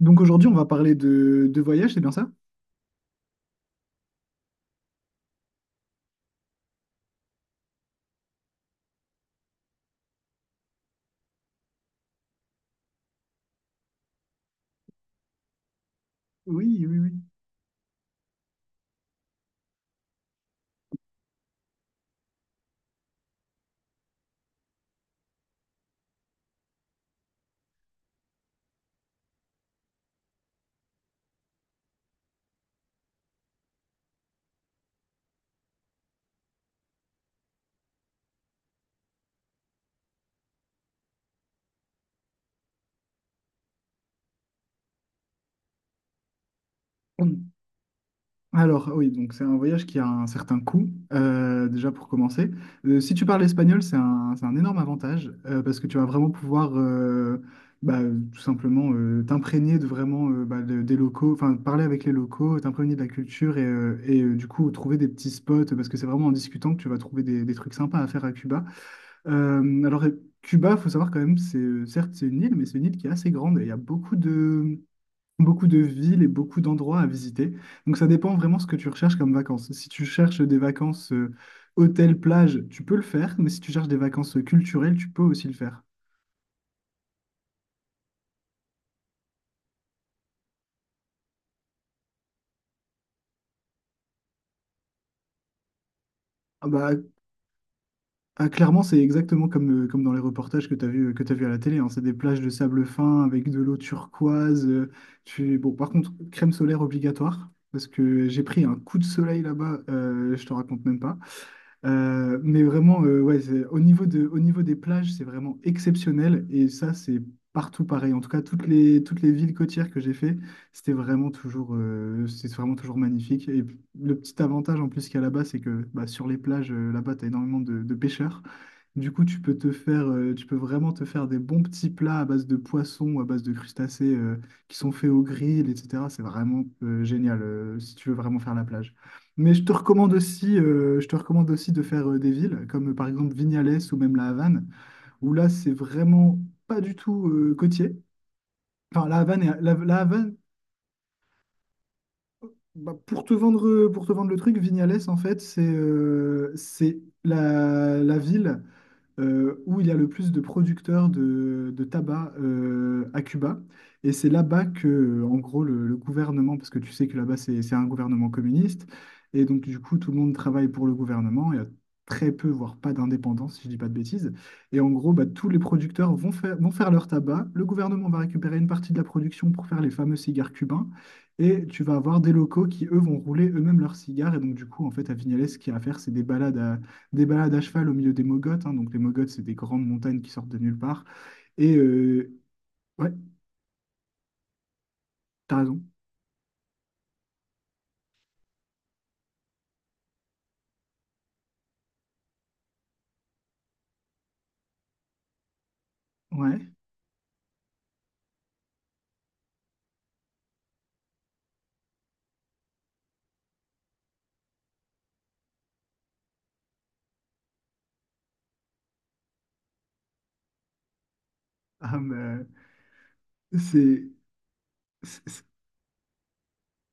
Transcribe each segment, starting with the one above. Donc aujourd'hui, on va parler de voyage, c'est bien ça? Oui, oui, oui. Hum. Alors oui, donc c'est un voyage qui a un certain coût, déjà pour commencer. Si tu parles espagnol, c'est un énorme avantage parce que tu vas vraiment pouvoir bah, tout simplement t'imprégner de vraiment bah, des locaux, enfin parler avec les locaux, t'imprégner de la culture et du coup trouver des petits spots parce que c'est vraiment en discutant que tu vas trouver des trucs sympas à faire à Cuba. Cuba, faut savoir quand même, c'est certes c'est une île, mais c'est une île qui est assez grande et il y a beaucoup de villes et beaucoup d'endroits à visiter. Donc, ça dépend vraiment ce que tu recherches comme vacances. Si tu cherches des vacances hôtel, plage, tu peux le faire, mais si tu cherches des vacances culturelles, tu peux aussi le faire. Ah, bah, ah, clairement, c'est exactement comme, comme dans les reportages que tu as vu, que tu vu à la télé, hein. C'est des plages de sable fin avec de l'eau turquoise. Bon, par contre, crème solaire obligatoire, parce que j'ai pris un coup de soleil là-bas, je te raconte même pas. Mais vraiment, ouais, au niveau des plages, c'est vraiment exceptionnel. Et ça, c'est partout pareil. En tout cas, toutes les villes côtières que j'ai fait, c'était vraiment toujours, c'est vraiment toujours magnifique. Le petit avantage en plus qu'il y a là-bas, c'est que bah, sur les plages, là-bas, tu as énormément de pêcheurs. Du coup, tu peux vraiment te faire des bons petits plats à base de poissons, à base de crustacés, qui sont faits au grill, etc. C'est vraiment, génial, si tu veux vraiment faire la plage. Mais je te recommande aussi de faire des villes, comme par exemple Vignales ou même La Havane, où là, c'est vraiment pas du tout côtier. Enfin, La Havane, La Havane, bah, pour te vendre, le truc, Vignales, en fait, c'est la ville où il y a le plus de producteurs de tabac à Cuba. Et c'est là-bas que, en gros, le gouvernement, parce que tu sais que là-bas, c'est un gouvernement communiste, et donc, du coup, tout le monde travaille pour le gouvernement. Il y a très peu, voire pas d'indépendance, si je dis pas de bêtises. Et en gros, bah, tous les producteurs vont faire leur tabac. Le gouvernement va récupérer une partie de la production pour faire les fameux cigares cubains. Et tu vas avoir des locaux qui, eux, vont rouler eux-mêmes leurs cigares. Et donc, du coup, en fait, à Vignales, ce qu'il y a à faire, c'est des balades à cheval au milieu des mogotes, hein. Donc les mogotes, c'est des grandes montagnes qui sortent de nulle part. Et euh, ouais, t'as raison. Ouais. Ah, mais, euh, c'est, c'est-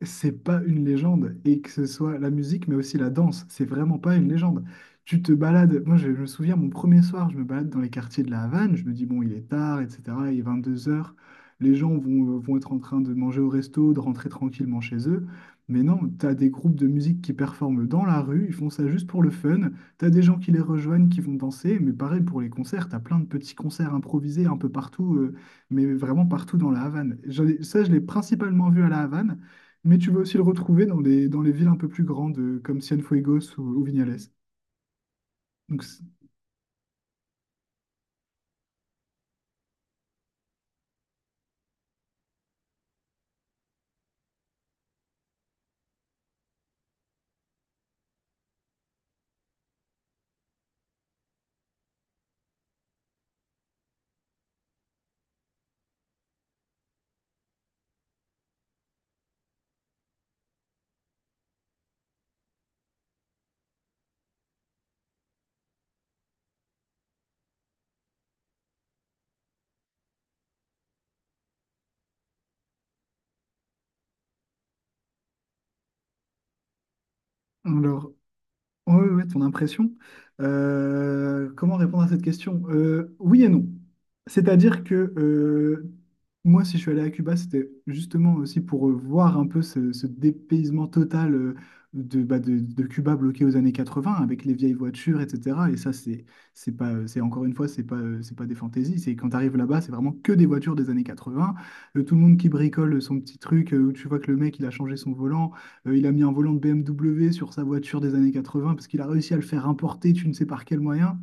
c'est pas une légende, et que ce soit la musique, mais aussi la danse, c'est vraiment pas une légende. Tu te balades, je me souviens, mon premier soir, je me balade dans les quartiers de la Havane, je me dis, bon, il est tard, etc., il est 22 heures. Les gens vont être en train de manger au resto, de rentrer tranquillement chez eux, mais non, t'as des groupes de musique qui performent dans la rue, ils font ça juste pour le fun, t'as des gens qui les rejoignent, qui vont danser, mais pareil pour les concerts, t'as plein de petits concerts improvisés un peu partout, mais vraiment partout dans la Havane. Ça, je l'ai principalement vu à la Havane, mais tu vas aussi le retrouver dans dans les villes un peu plus grandes, comme Cienfuegos ou Vignales. Donc, c- alors, Ouais, ouais, ouais, ton impression. Comment répondre à cette question? Oui et non. C'est-à-dire que moi, si je suis allé à Cuba, c'était justement aussi pour voir un peu ce dépaysement total bah, de Cuba bloqué aux années 80 avec les vieilles voitures, etc. Et ça, c'est pas, c'est encore une fois, c'est pas des fantaisies. C'est quand tu arrives là-bas, c'est vraiment que des voitures des années 80. Tout le monde qui bricole son petit truc, où tu vois que le mec, il a changé son volant. Il a mis un volant de BMW sur sa voiture des années 80 parce qu'il a réussi à le faire importer, tu ne sais par quel moyen.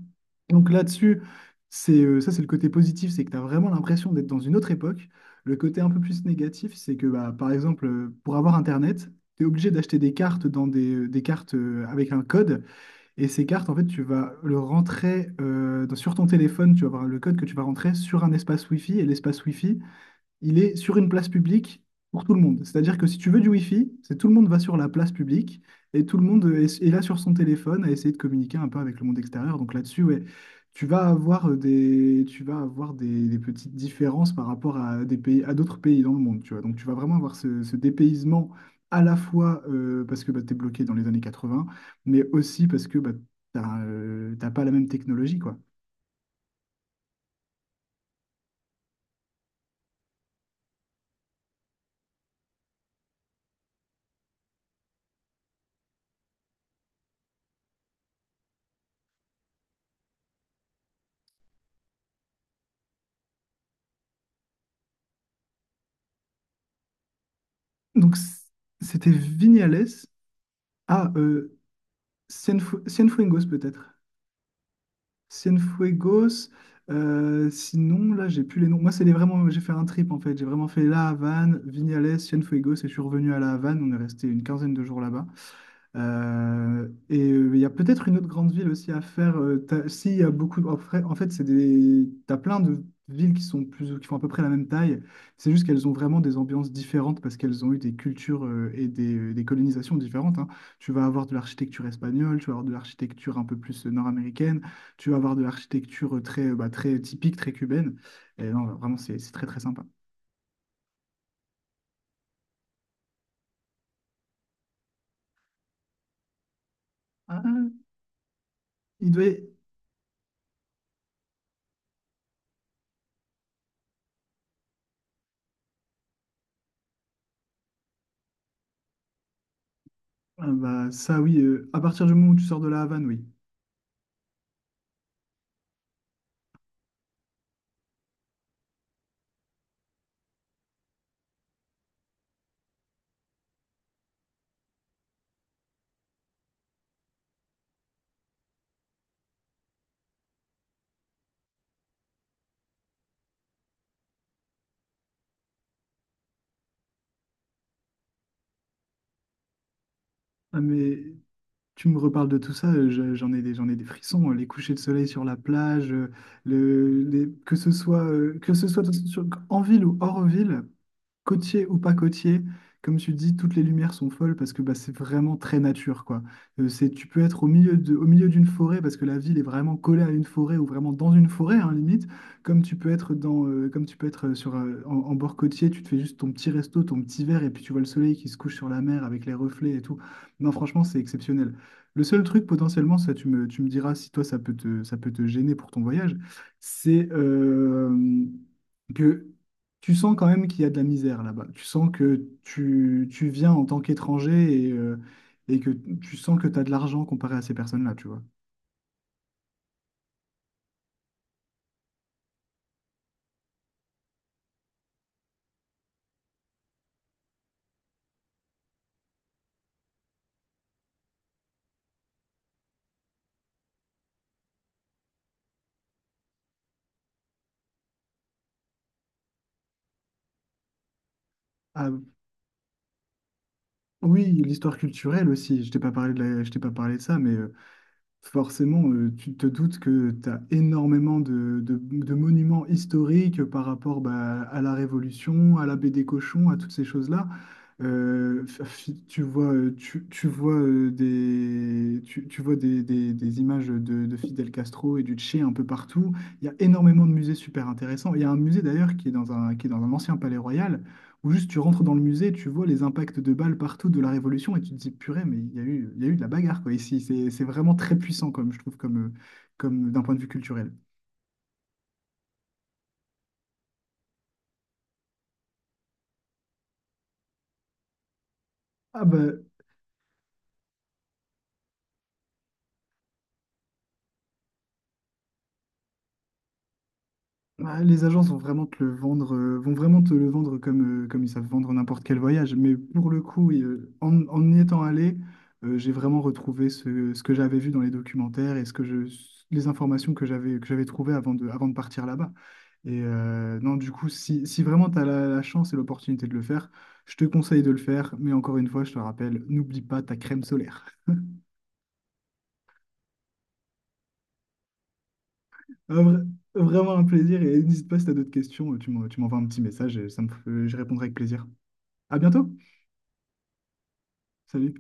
Donc là-dessus, c'est ça, c'est le côté positif, c'est que tu as vraiment l'impression d'être dans une autre époque. Le côté un peu plus négatif, c'est que bah, par exemple, pour avoir Internet, tu es obligé d'acheter des cartes des cartes avec un code. Et ces cartes, en fait, tu vas le rentrer sur ton téléphone, tu vas avoir le code que tu vas rentrer sur un espace Wi-Fi. Et l'espace Wi-Fi, il est sur une place publique pour tout le monde. C'est-à-dire que si tu veux du Wi-Fi, c'est tout le monde va sur la place publique et tout le monde est là sur son téléphone à essayer de communiquer un peu avec le monde extérieur. Donc là-dessus, ouais, tu vas avoir des petites différences par rapport à des pays, à d'autres pays dans le monde, tu vois. Donc tu vas vraiment avoir ce dépaysement à la fois parce que bah, tu es bloqué dans les années 80, mais aussi parce que bah, t'as pas la même technologie, quoi. Donc c- C'était Vignales. Ah, euh, Cienfuegos peut-être. Cienfuegos. Sinon, là, j'ai plus les noms. Moi, c'est les vraiment. J'ai fait un trip en fait. J'ai vraiment fait La Havane, Vignales, Cienfuegos et je suis revenu à La Havane. On est resté une quinzaine de jours là-bas. Il y a peut-être une autre grande ville aussi à faire. Si, il y a beaucoup. En fait, c'est des. T'as plein de villes qui sont plus, qui font à peu près la même taille. C'est juste qu'elles ont vraiment des ambiances différentes parce qu'elles ont eu des cultures et des colonisations différentes, hein. Tu vas avoir de l'architecture espagnole, tu vas avoir de l'architecture un peu plus nord-américaine, tu vas avoir de l'architecture bah, très typique, très cubaine. Et non, vraiment, c'est très très sympa. Ah, il doit. y- ah, bah, ça, oui. À partir du moment où tu sors de la Havane, oui. Ah, mais tu me reparles de tout ça, j'en ai j'en ai des frissons. Les couchers de soleil sur la plage, que ce soit, en ville ou hors ville, côtier ou pas côtier, comme tu dis, toutes les lumières sont folles parce que bah, c'est vraiment très nature, quoi. Tu peux être au milieu d'une forêt parce que la ville est vraiment collée à une forêt ou vraiment dans une forêt, hein, limite. Comme tu peux être comme tu peux être en bord côtier, tu te fais juste ton petit resto, ton petit verre et puis tu vois le soleil qui se couche sur la mer avec les reflets et tout. Non, franchement, c'est exceptionnel. Le seul truc potentiellement, ça, tu me diras si toi ça peut te gêner pour ton voyage, c'est que tu sens quand même qu'il y a de la misère là-bas. Tu sens que tu viens en tant qu'étranger et que tu sens que tu as de l'argent comparé à ces personnes-là, tu vois. Ah, oui, l'histoire culturelle aussi. Je t'ai pas parlé de ça, mais forcément, tu te doutes que tu as énormément de monuments historiques par rapport bah, à la Révolution, à l'abbé des cochons, à toutes ces choses-là. Euh, f- Tu vois, tu vois, tu vois des images de Fidel Castro et du Che un peu partout. Il y a énormément de musées super intéressants. Il y a un musée d'ailleurs qui est qui est dans un ancien palais royal ou juste tu rentres dans le musée, tu vois les impacts de balles partout de la Révolution et tu te dis purée, mais il y a eu de la bagarre quoi ici. C'est vraiment très puissant comme je trouve comme, comme d'un point de vue culturel. Ah, bah, ah, les agences vont vraiment te le vendre, comme, comme ils savent vendre n'importe quel voyage. Mais pour le coup, en y étant allé, j'ai vraiment retrouvé ce que j'avais vu dans les documentaires et ce que je, les informations que j'avais trouvées avant de partir là-bas. Non, du coup, si vraiment tu as la chance et l'opportunité de le faire, je te conseille de le faire. Mais encore une fois, je te rappelle, n'oublie pas ta crème solaire. Un vrai- Vraiment un plaisir. Et n'hésite pas si tu as d'autres questions, tu m'envoies un petit message et ça me, je répondrai avec plaisir. À bientôt. Salut.